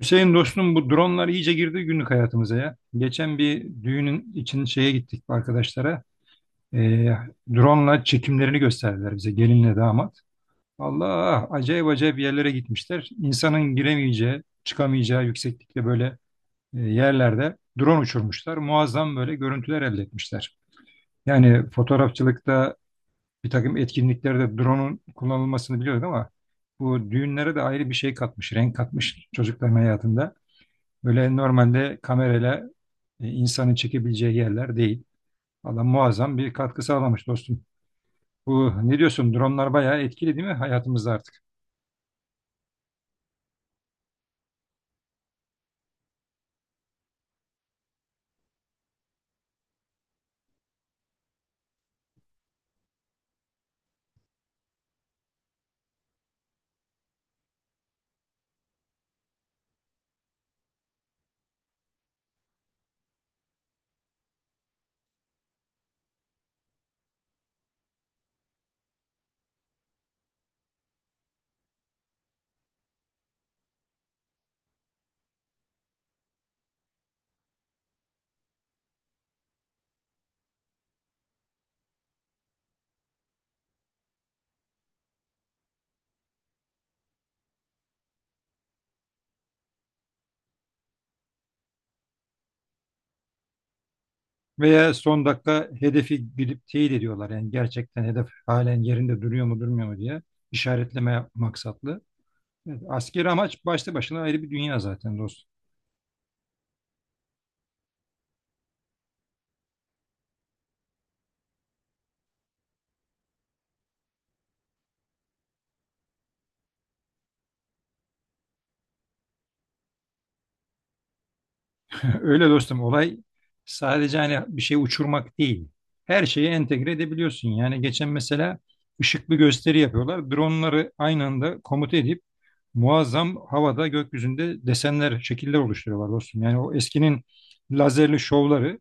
Hüseyin dostum bu dronlar iyice girdi günlük hayatımıza ya. Geçen bir düğünün için şeye gittik arkadaşlara. Ee, drone'la çekimlerini gösterdiler bize gelinle damat. Allah acayip acayip yerlere gitmişler. İnsanın giremeyeceği, çıkamayacağı yükseklikte böyle yerlerde drone uçurmuşlar. Muazzam böyle görüntüler elde etmişler. Yani fotoğrafçılıkta bir takım etkinliklerde drone'un kullanılmasını biliyorduk ama bu düğünlere de ayrı bir şey katmış, renk katmış çocukların hayatında. Böyle normalde kamerayla insanın çekebileceği yerler değil. Valla muazzam bir katkı sağlamış dostum. Bu ne diyorsun? Dronlar bayağı etkili değil mi hayatımızda artık? Veya son dakika hedefi gidip teyit ediyorlar. Yani gerçekten hedef halen yerinde duruyor mu durmuyor mu diye işaretleme maksatlı. Evet, askeri amaç başta başına ayrı bir dünya zaten dostum. Öyle dostum olay sadece hani bir şey uçurmak değil. Her şeyi entegre edebiliyorsun. Yani geçen mesela ışıklı gösteri yapıyorlar. Dronları aynı anda komuta edip muazzam havada gökyüzünde desenler, şekiller oluşturuyorlar dostum. Yani o eskinin lazerli şovları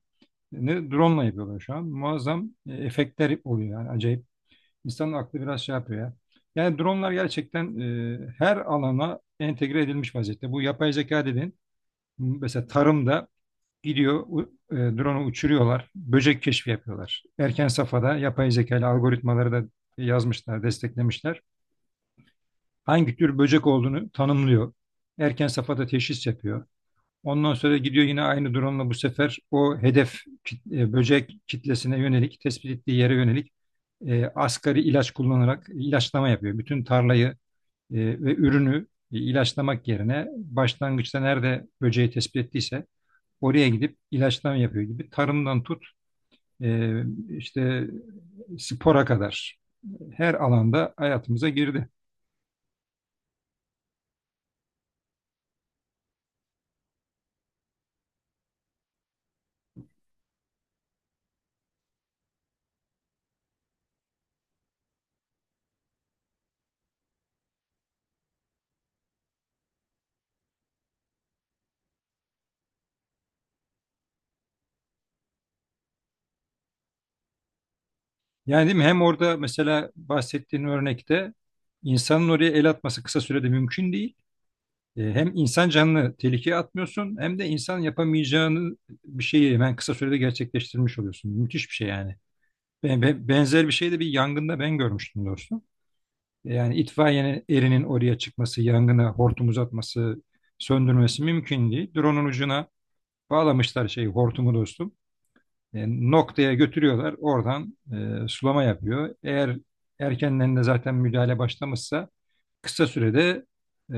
ne drone yapıyorlar şu an. Muazzam efektler oluyor yani acayip. İnsanın aklı biraz şey yapıyor ya. Yani dronlar gerçekten her alana entegre edilmiş vaziyette. Bu yapay zeka dediğin mesela tarımda gidiyor, drone'u uçuruyorlar. Böcek keşfi yapıyorlar. Erken safhada yapay zekalı algoritmaları da yazmışlar, desteklemişler. Hangi tür böcek olduğunu tanımlıyor. Erken safhada teşhis yapıyor. Ondan sonra gidiyor yine aynı drone'la bu sefer o hedef böcek kitlesine yönelik, tespit ettiği yere yönelik asgari ilaç kullanarak ilaçlama yapıyor. Bütün tarlayı e, ve ürünü ilaçlamak yerine başlangıçta nerede böceği tespit ettiyse oraya gidip ilaçlama yapıyor gibi tarımdan tut e, işte spora kadar her alanda hayatımıza girdi. Yani değil mi? Hem orada mesela bahsettiğin örnekte insanın oraya el atması kısa sürede mümkün değil. Hem insan canını tehlikeye atmıyorsun hem de insan yapamayacağını bir şeyi hemen kısa sürede gerçekleştirmiş oluyorsun. Müthiş bir şey yani. Benzer bir şey de bir yangında ben görmüştüm dostum. Yani itfaiye erinin oraya çıkması, yangını hortum uzatması, söndürmesi mümkün değil. Drone'un ucuna bağlamışlar şeyi hortumu dostum. E, Noktaya götürüyorlar. Oradan sulama yapıyor. Eğer erkenden de zaten müdahale başlamışsa kısa sürede e,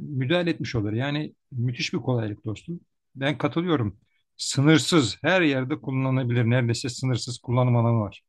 müdahale etmiş olur. Yani müthiş bir kolaylık dostum. Ben katılıyorum. Sınırsız her yerde kullanılabilir. Neredeyse sınırsız kullanım alanı var.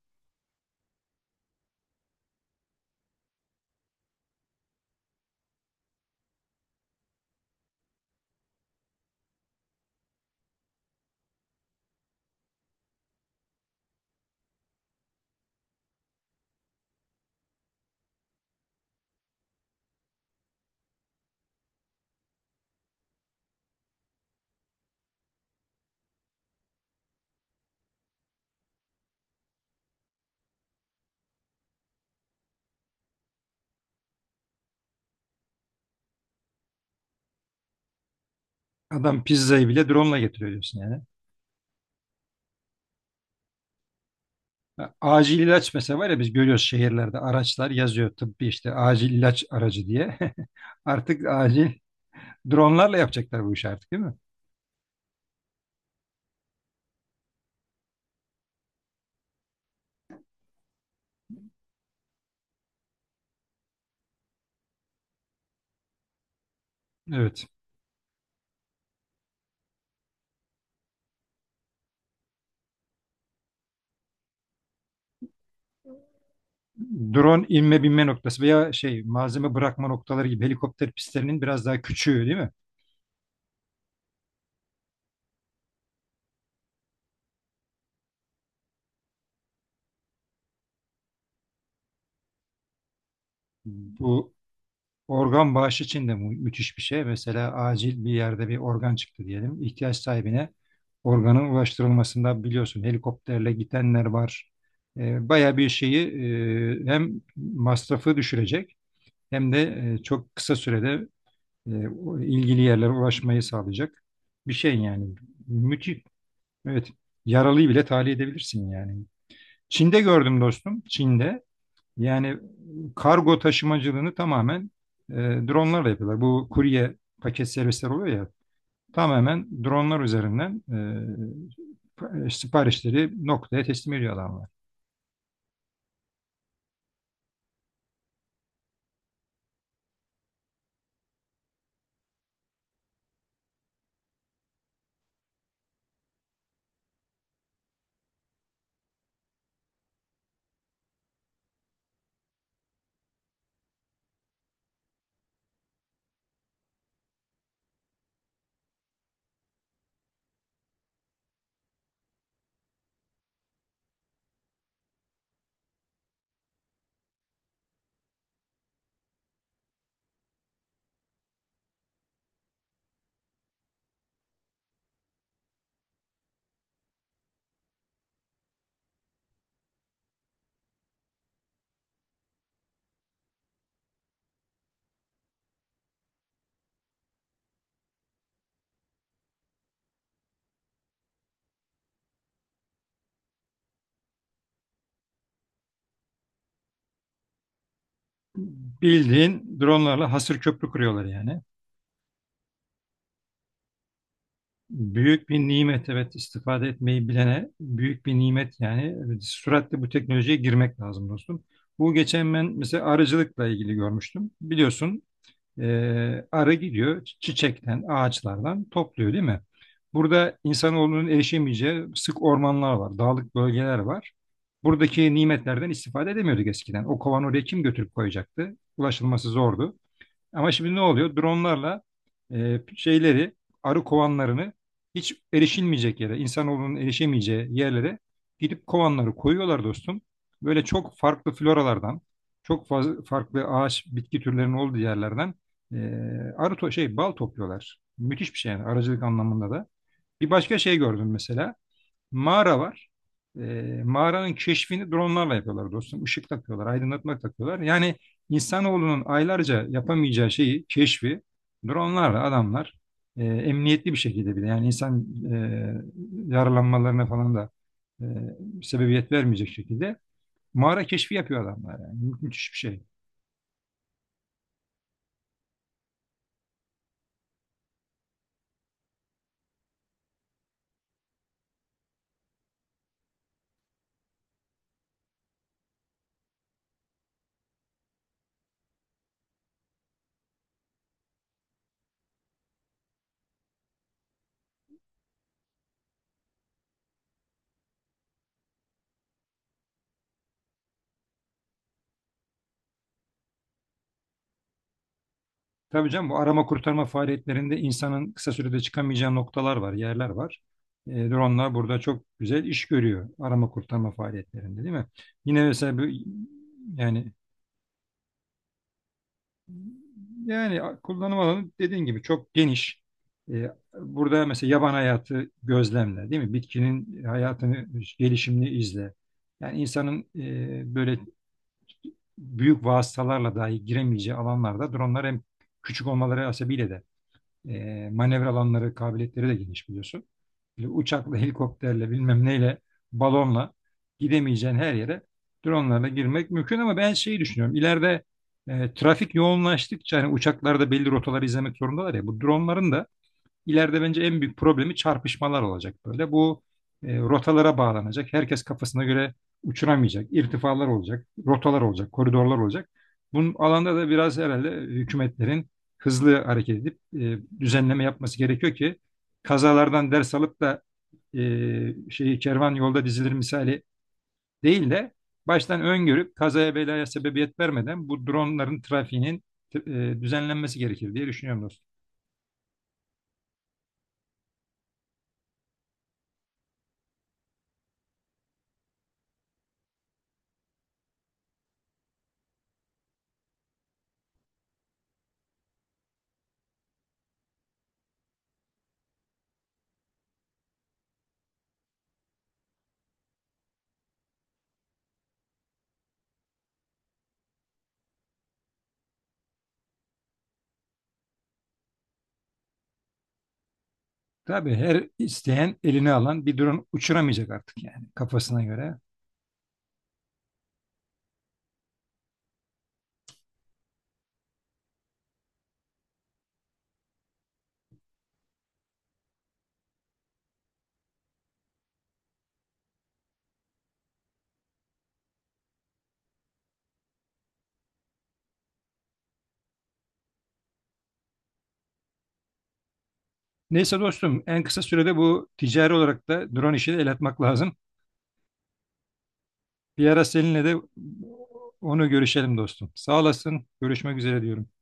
Adam pizzayı bile drone ile getiriyor diyorsun yani. Ha, acil ilaç mesela var ya biz görüyoruz şehirlerde araçlar yazıyor tıbbi işte acil ilaç aracı diye. Artık acil dronlarla yapacaklar bu işi artık değil mi? Evet. Drone inme binme noktası veya şey malzeme bırakma noktaları gibi helikopter pistlerinin biraz daha küçüğü değil mi? Bu organ bağışı için de müthiş bir şey. Mesela acil bir yerde bir organ çıktı diyelim. İhtiyaç sahibine organın ulaştırılmasında biliyorsun helikopterle gidenler var. Baya bir şeyi hem masrafı düşürecek hem de çok kısa sürede o ilgili yerlere ulaşmayı sağlayacak bir şey yani. Müthiş. Evet. Yaralıyı bile tahliye edebilirsin yani. Çin'de gördüm dostum. Çin'de. Yani kargo taşımacılığını tamamen e, dronlarla yapıyorlar. Bu kurye paket servisler oluyor ya tamamen dronlar üzerinden siparişleri noktaya teslim ediyor adamlar. Bildiğin dronlarla hasır köprü kuruyorlar yani. Büyük bir nimet, evet, istifade etmeyi bilene büyük bir nimet yani. Evet, süratle bu teknolojiye girmek lazım dostum. Bu geçen ben mesela arıcılıkla ilgili görmüştüm. Biliyorsun arı gidiyor çiçekten, ağaçlardan topluyor değil mi? Burada insanoğlunun erişemeyeceği sık ormanlar var, dağlık bölgeler var. Buradaki nimetlerden istifade edemiyorduk eskiden. O kovanı oraya kim götürüp koyacaktı? Ulaşılması zordu. Ama şimdi ne oluyor? Dronlarla şeyleri, arı kovanlarını hiç erişilmeyecek yere, insanoğlunun erişemeyeceği yerlere gidip kovanları koyuyorlar dostum. Böyle çok farklı floralardan, çok fazla farklı ağaç, bitki türlerinin olduğu yerlerden e, arı to şey bal topluyorlar. Müthiş bir şey yani arıcılık anlamında da. Bir başka şey gördüm mesela mağara var. E, mağaranın keşfini dronlarla yapıyorlar dostum. Işık takıyorlar, aydınlatma takıyorlar. Yani insanoğlunun aylarca yapamayacağı şeyi, keşfi dronlarla adamlar emniyetli bir şekilde bile, yani insan yaralanmalarına falan da e, sebebiyet vermeyecek şekilde mağara keşfi yapıyor adamlar yani. Müthiş bir şey. Tabii canım bu arama kurtarma faaliyetlerinde insanın kısa sürede çıkamayacağı noktalar var, yerler var. E, dronelar burada çok güzel iş görüyor arama kurtarma faaliyetlerinde değil mi? Yine mesela bu yani yani kullanım alanı dediğin gibi çok geniş. E, burada mesela yaban hayatı gözlemle değil mi? Bitkinin hayatını, gelişimini izle. Yani insanın böyle büyük vasıtalarla dahi giremeyeceği alanlarda dronlar hem küçük olmaları hasebiyle de e, manevra alanları, kabiliyetleri de geniş biliyorsun. Böyle uçakla, helikopterle, bilmem neyle, balonla gidemeyeceğin her yere dronlarla girmek mümkün ama ben şeyi düşünüyorum. İleride trafik yoğunlaştıkça hani uçaklar da belli rotaları izlemek zorundalar ya. Bu dronların da İleride bence en büyük problemi çarpışmalar olacak böyle. Bu rotalara bağlanacak. Herkes kafasına göre uçuramayacak. İrtifalar olacak, rotalar olacak, koridorlar olacak. Bunun alanda da biraz herhalde hükümetlerin hızlı hareket edip düzenleme yapması gerekiyor ki kazalardan ders alıp da şeyi kervan yolda dizilir misali değil de baştan öngörüp kazaya belaya sebebiyet vermeden bu dronların trafiğinin düzenlenmesi gerekir diye düşünüyorum dostum. Tabii her isteyen eline alan bir drone uçuramayacak artık yani kafasına göre. Neyse dostum en kısa sürede bu ticari olarak da drone işine el atmak lazım. Bir ara seninle de onu görüşelim dostum. Sağ olasın. Görüşmek üzere diyorum.